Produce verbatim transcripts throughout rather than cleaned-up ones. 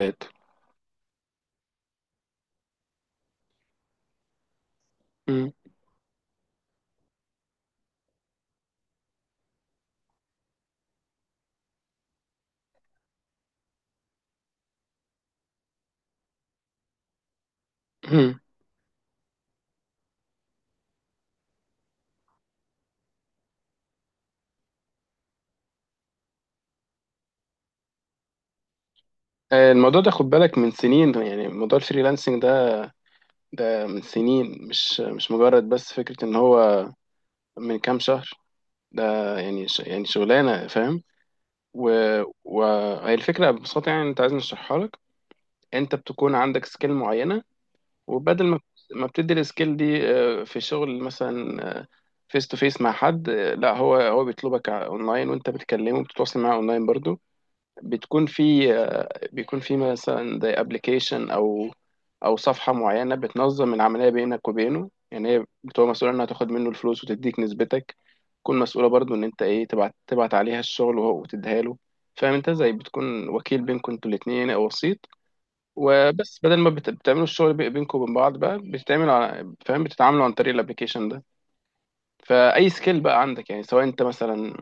بيت. مم. مم. آه، الموضوع ده خد بالك من سنين، يعني موضوع الفريلانسنج ده. ده من سنين مش مش مجرد بس فكرة ان هو من كام شهر ده. يعني ش يعني شغلانة، فاهم. و- وهي الفكرة ببساطة، يعني انت عايزني اشرحها لك. انت بتكون عندك سكيل معينة، وبدل ما ما بتدي السكيل دي آه، في شغل مثلا فيس تو فيس مع حد، آه، لا هو هو بيطلبك اونلاين، وانت بتكلمه بتتواصل معاه اونلاين برضو. بتكون في آه، بيكون في مثلا زي ابلكيشن او او صفحه معينه بتنظم العمليه بينك وبينه، يعني هي بتبقى مسؤوله انها تاخد منه الفلوس وتديك نسبتك، تكون مسؤوله برضو ان انت ايه تبعت تبعت عليها الشغل، وهو وتديها له. فاهم، انت زي بتكون وكيل بينكم انتوا الاثنين او وسيط. وبس بدل ما بت- بتعملوا الشغل بي- بينكم وبين بعض بقى، بتتعملوا على- فاهم، بتتعاملوا عن طريق الابلكيشن ده. فاي سكيل بقى عندك، يعني سواء انت مثلا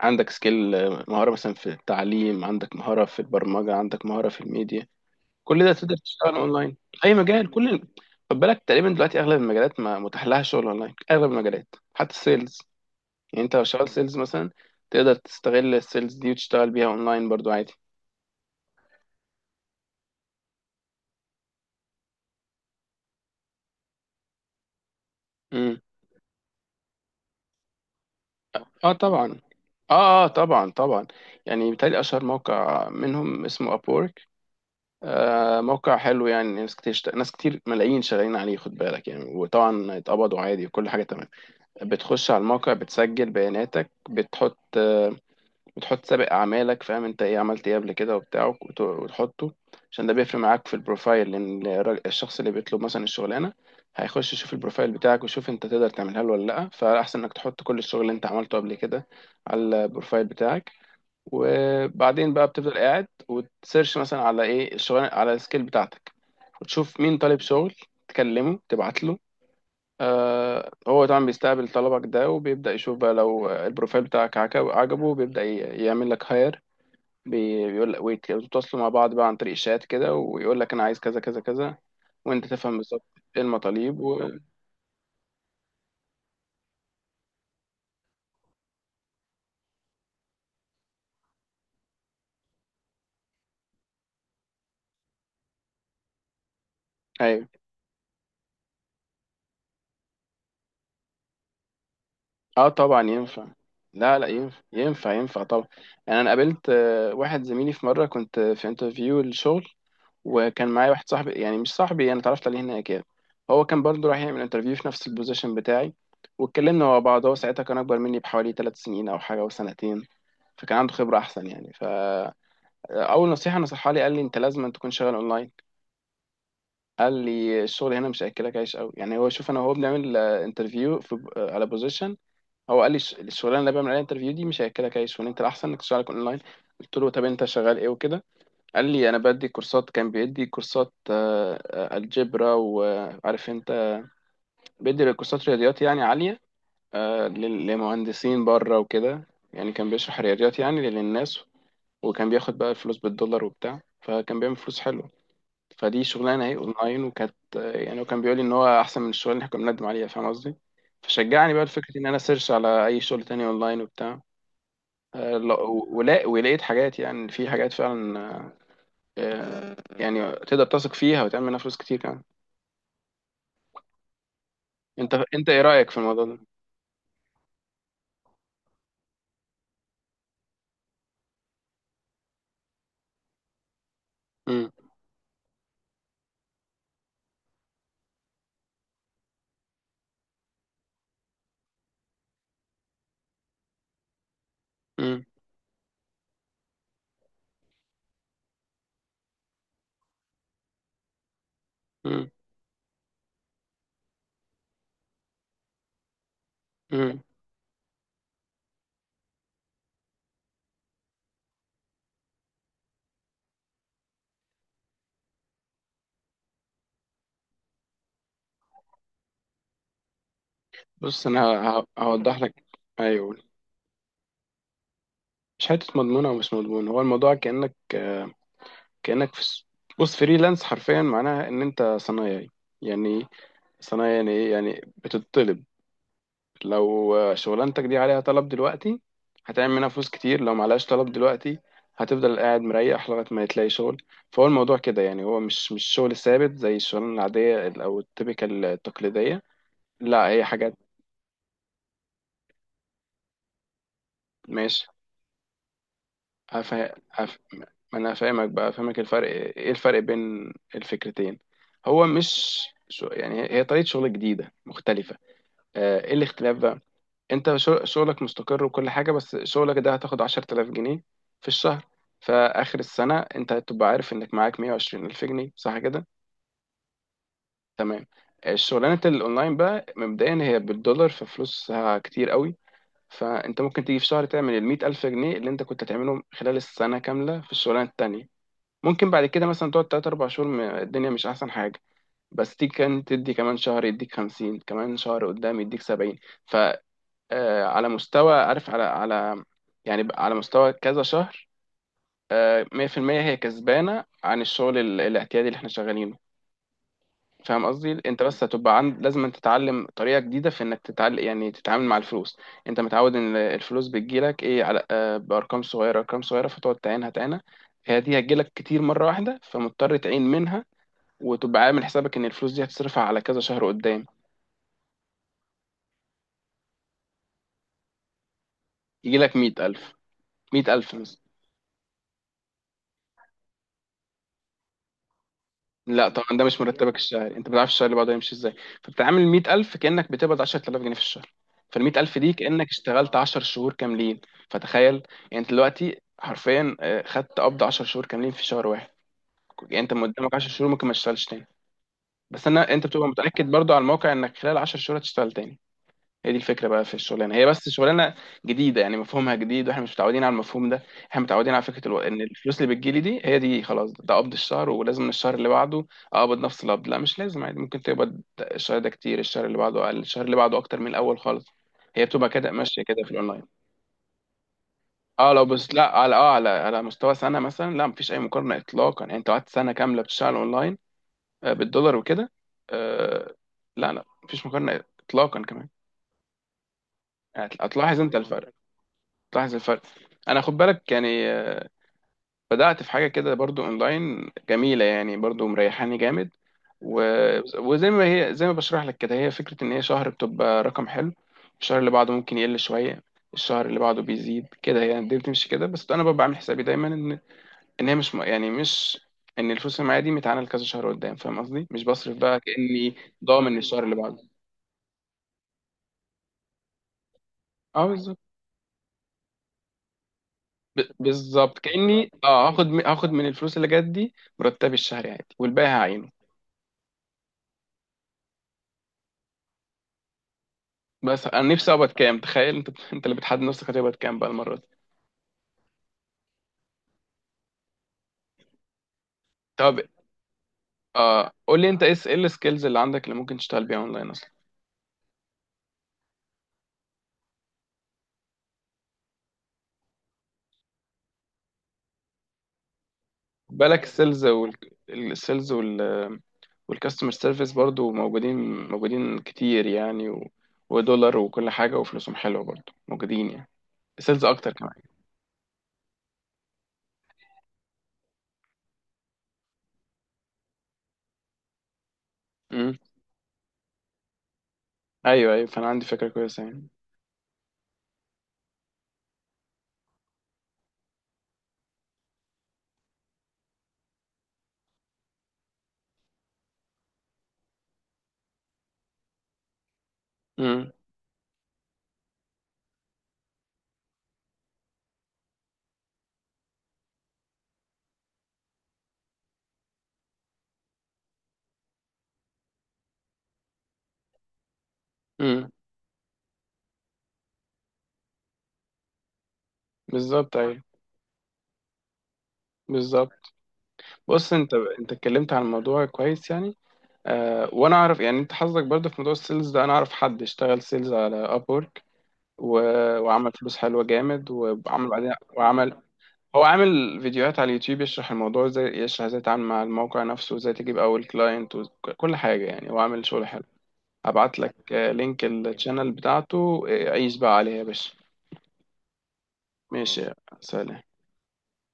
عندك سكيل مهارة مثلا في التعليم، عندك مهارة في البرمجة، عندك مهارة في الميديا، كل ده تقدر تشتغل اونلاين. اي مجال كل خد بالك، تقريبا دلوقتي اغلب المجالات ما متاح لها شغل اونلاين، اغلب المجالات حتى السيلز. يعني انت لو شغال سيلز مثلا تقدر تستغل السيلز دي وتشتغل بيها اونلاين برضو عادي. امم. اه طبعا. اه اه طبعا طبعا. يعني بالتالي اشهر موقع منهم اسمه ابورك. آه، موقع حلو، يعني ناس كتير ناس كتير ملايين شغالين عليه، خد بالك يعني، وطبعا اتقبضوا عادي وكل حاجة تمام. بتخش على الموقع، بتسجل بياناتك، بتحط بتحط سابق اعمالك، فاهم انت ايه عملت ايه قبل كده وبتاع، وت- وتحطه، عشان ده بيفرق معاك في البروفايل، لان الراج- الشخص اللي بيطلب مثلا الشغلانه هيخش يشوف البروفايل بتاعك ويشوف انت تقدر تعملها له ولا لا. فاحسن انك تحط كل الشغل اللي انت عملته قبل كده على البروفايل بتاعك. وبعدين بقى بتفضل قاعد وتسيرش مثلا على ايه الشغلانه على السكيل بتاعتك، وتشوف مين طالب شغل، تكلمه تبعت له. آه، هو طبعا بيستقبل طلبك ده، وبيبدأ يشوف بقى لو البروفايل بتاعك عجب- عجبه، بيبدأ ي- يعمل لك هاير، بيقول لك، ويتواصلوا مع بعض بقى عن طريق الشات كده، ويقول لك انا عايز كذا كذا كذا، وانت تفهم بالظبط ايه المطالب و... ايوه. اه طبعا ينفع. لا لا، ينفع ينفع ينفع طبعا. يعني انا قابلت آه، واحد زميلي في مره كنت في انترفيو للشغل، وكان معايا واحد صاحبي، يعني مش صاحبي، انا اتعرفت عليه هناك يعني، هو كان برضه رايح يعمل انترفيو في نفس البوزيشن بتاعي، واتكلمنا مع بعض. هو ساعتها كان اكبر مني بحوالي ثلاث سنين او حاجه او سنتين، فكان عنده خبره احسن يعني. فاول نصيحه نصحها لي قال لي انت لازم أن تكون شغال اونلاين. قال لي الشغل هنا مش هياكلك عيش قوي، يعني هو شوف انا وهو بنعمل انترفيو في آه، على بوزيشن، هو قال لي الش- الشغلانه اللي أنا بعمل عليها انترفيو دي مش هياكلك عيش، وان انت الاحسن انك تشتغل اونلاين. قلت له طب انت شغال ايه وكده، قال لي انا بدي كورسات، كان بيدي كورسات آه، آه، الجبرا، وعارف انت، بيدي كورسات رياضيات يعني عالية، آه، لل- لمهندسين بره وكده، يعني كان بيشرح رياضيات يعني للناس، وكان بياخد بقى الفلوس بالدولار وبتاع، فكان بيعمل فلوس حلوة. فدي شغلانة اهي اونلاين، وكانت آه، يعني وكان بيقول لي ان هو احسن من الشغل اللي احنا كنا بنقدم عليها، فاهم قصدي. فشجعني بقى لفكرة ان انا سيرش على اي شغل تاني اونلاين وبتاع. آه، لا- ولا- ولقيت حاجات، يعني في حاجات فعلا آه، آه، يعني تقدر تثق فيها وتعمل منها فلوس كتير كمان. انت انت ايه رأيك في الموضوع ده؟ مم. مم. مم. مم. بص انا ه- ه- هوضح لك. ايوه. مش حته مضمونه ومش مضمون، هو الموضوع كأنك آه، كأنك في س- بص، فريلانس حرفيا معناها ان انت صنايعي. يعني إيه؟ صنايعي يعني ايه، يعني بتطلب، لو آه، شغلانتك دي عليها طلب دلوقتي هتعمل منها فلوس كتير، لو معلهاش طلب دلوقتي هتفضل قاعد مريح لغاية ما تلاقي شغل. فهو الموضوع كده يعني، هو مش مش شغل ثابت زي الشغلانة العادية ال- أو التيبيكال التقليدية. لا هي حاجات. ماشي. أفا... أف... ما أنا فاهمك بقى فاهمك، الفرق إيه الفرق بين الفكرتين. هو مش شو... يعني هي هي طريقة شغل جديدة مختلفة. آه، إيه الاختلاف بقى. انت شغ- شغلك مستقر وكل حاجة، بس شغلك ده هتاخد عشرة آلاف جنيه في الشهر، فآخر السنة انت هتبقى عارف انك معاك مية وعشرين ألف جنيه، صح كده؟ تمام. الشغلانة الأونلاين بقى مبدئيا هي بالدولار، ففلوسها كتير قوي. فانت ممكن تيجي في شهر تعمل المية ألف جنيه اللي انت كنت تعملهم خلال السنة كاملة في الشغلانة التانية. ممكن بعد كده مثلا تقعد تلات أربع شهور م- الدنيا مش أحسن حاجة، بس تيجي كان تدي كمان شهر يديك خمسين، كمان شهر قدام يديك سبعين، آه، على مستوى عارف، على على يعني على مستوى كذا شهر، آه، مية في المية هي كسبانة عن الشغل ال- الاعتيادي اللي احنا شغالينه، فاهم قصدي. انت بس هتبقى عند، لازم أن تتعلم طريقة جديدة في انك تتعلم يعني تتعامل مع الفلوس. انت متعود ان الفلوس بتجيلك ايه على آه، بارقام صغيرة، ارقام صغيرة فتقعد تعينها تعينها. هي دي هتجيلك كتير مرة واحدة، فمضطر تعين منها، وتبقى عامل حسابك ان الفلوس دي هتصرفها على كذا شهر قدام. يجيلك مية ألف. مية ألف. لا طبعا، ده مش مرتبك الشهري، انت ما بتعرفش الشهر اللي بعده هيمشي ازاي، فبتعامل مية ألف كانك بتقبض عشر آلاف جنيه في الشهر، فال مية ألف دي كانك اشتغلت عشرة شهور كاملين. فتخيل، يعني انت دلوقتي حرفيا آه، خدت قبض عشر شهور كاملين في شهر واحد. يعني انت ما قدامك عشر شهور ممكن ما تشتغلش تاني، بس انا انت بتبقى متاكد برضو على الموقع انك خلال عشر شهور هتشتغل تاني. هي دي الفكره بقى في الشغلانه، هي بس شغلانه جديده يعني، مفهومها جديد واحنا مش متعودين على المفهوم ده. احنا متعودين على فكره الو... ان الفلوس اللي بتجيلي دي هي دي خلاص، ده قبض الشهر، ولازم الشهر اللي بعده اقبض نفس القبض. لا مش لازم، عادي ممكن تقبض الشهر ده كتير، الشهر اللي بعده اقل، الشهر اللي بعده اكتر من الاول خالص، هي بتبقى كده ماشيه كده في الاونلاين. اه لو بس لا، على اه على على مستوى سنه مثلا لا، مفيش اي مقارنه اطلاقا. يعني انت قعدت سنه كامله بتشتغل اونلاين آه، بالدولار وكده، آه، لا لا، مفيش مقارنه اطلاقا كمان. هت- هتلاحظ انت الفرق، تلاحظ الفرق. انا خد بالك يعني، آه، بدأت في حاجة كده برضو اونلاين جميلة يعني، برضو مريحاني جامد و... وزي ما هي زي ما بشرح لك كده، هي فكرة ان هي شهر بتبقى رقم حلو، الشهر اللي بعده ممكن يقل شوية، الشهر اللي بعده بيزيد كده يعني، دي بتمشي كده. بس انا ببقى عامل حسابي دايما ان، ان هي مش م- يعني مش ان الفلوس اللي معايا دي متعانه لكذا شهر قدام، فاهم قصدي، مش بصرف بقى كأني ضامن الشهر اللي بعده. اه، ب- بالظبط، كأني اه هاخد م- هاخد من الفلوس اللي جت دي مرتبي الشهري عادي، والباقي هعينه. بس انا نفسي اقبض كام، تخيل انت انت اللي بتحدد نفسك هتقبض كام بقى المره دي. طب اه، قول لي انت ايه س- ايه السكيلز اللي عندك اللي ممكن تشتغل بيها اونلاين اصلا. بالك السيلز وال السيلز وال والكاستمر سيرفيس برضو موجودين، موجودين كتير يعني، و... ودولار وكل حاجه وفلوسهم حلوه برضو موجودين يعني، السيلز اكتر كمان. امم. ايوه ايوه، فانا عندي فكره كويسه يعني. امم. امم. بالظبط، ايوه، بالظبط. بص، انت انت اتكلمت عن الموضوع كويس يعني. آه وانا اعرف يعني انت حظك برضه في موضوع السيلز ده، انا اعرف حد اشتغل سيلز على ابورك و... وعمل فلوس حلوه جامد، وعمل بعدين وعمل، هو عامل فيديوهات على اليوتيوب يشرح الموضوع ازاي، يشرح ازاي تتعامل مع الموقع نفسه وازاي تجيب اول كلاينت وكل حاجه، يعني هو عامل شغل حلو. هبعت لك آه، لينك الشانل بتاعته، آه، عيش بقى عليها يا باشا. ماشي ماشي. سلام.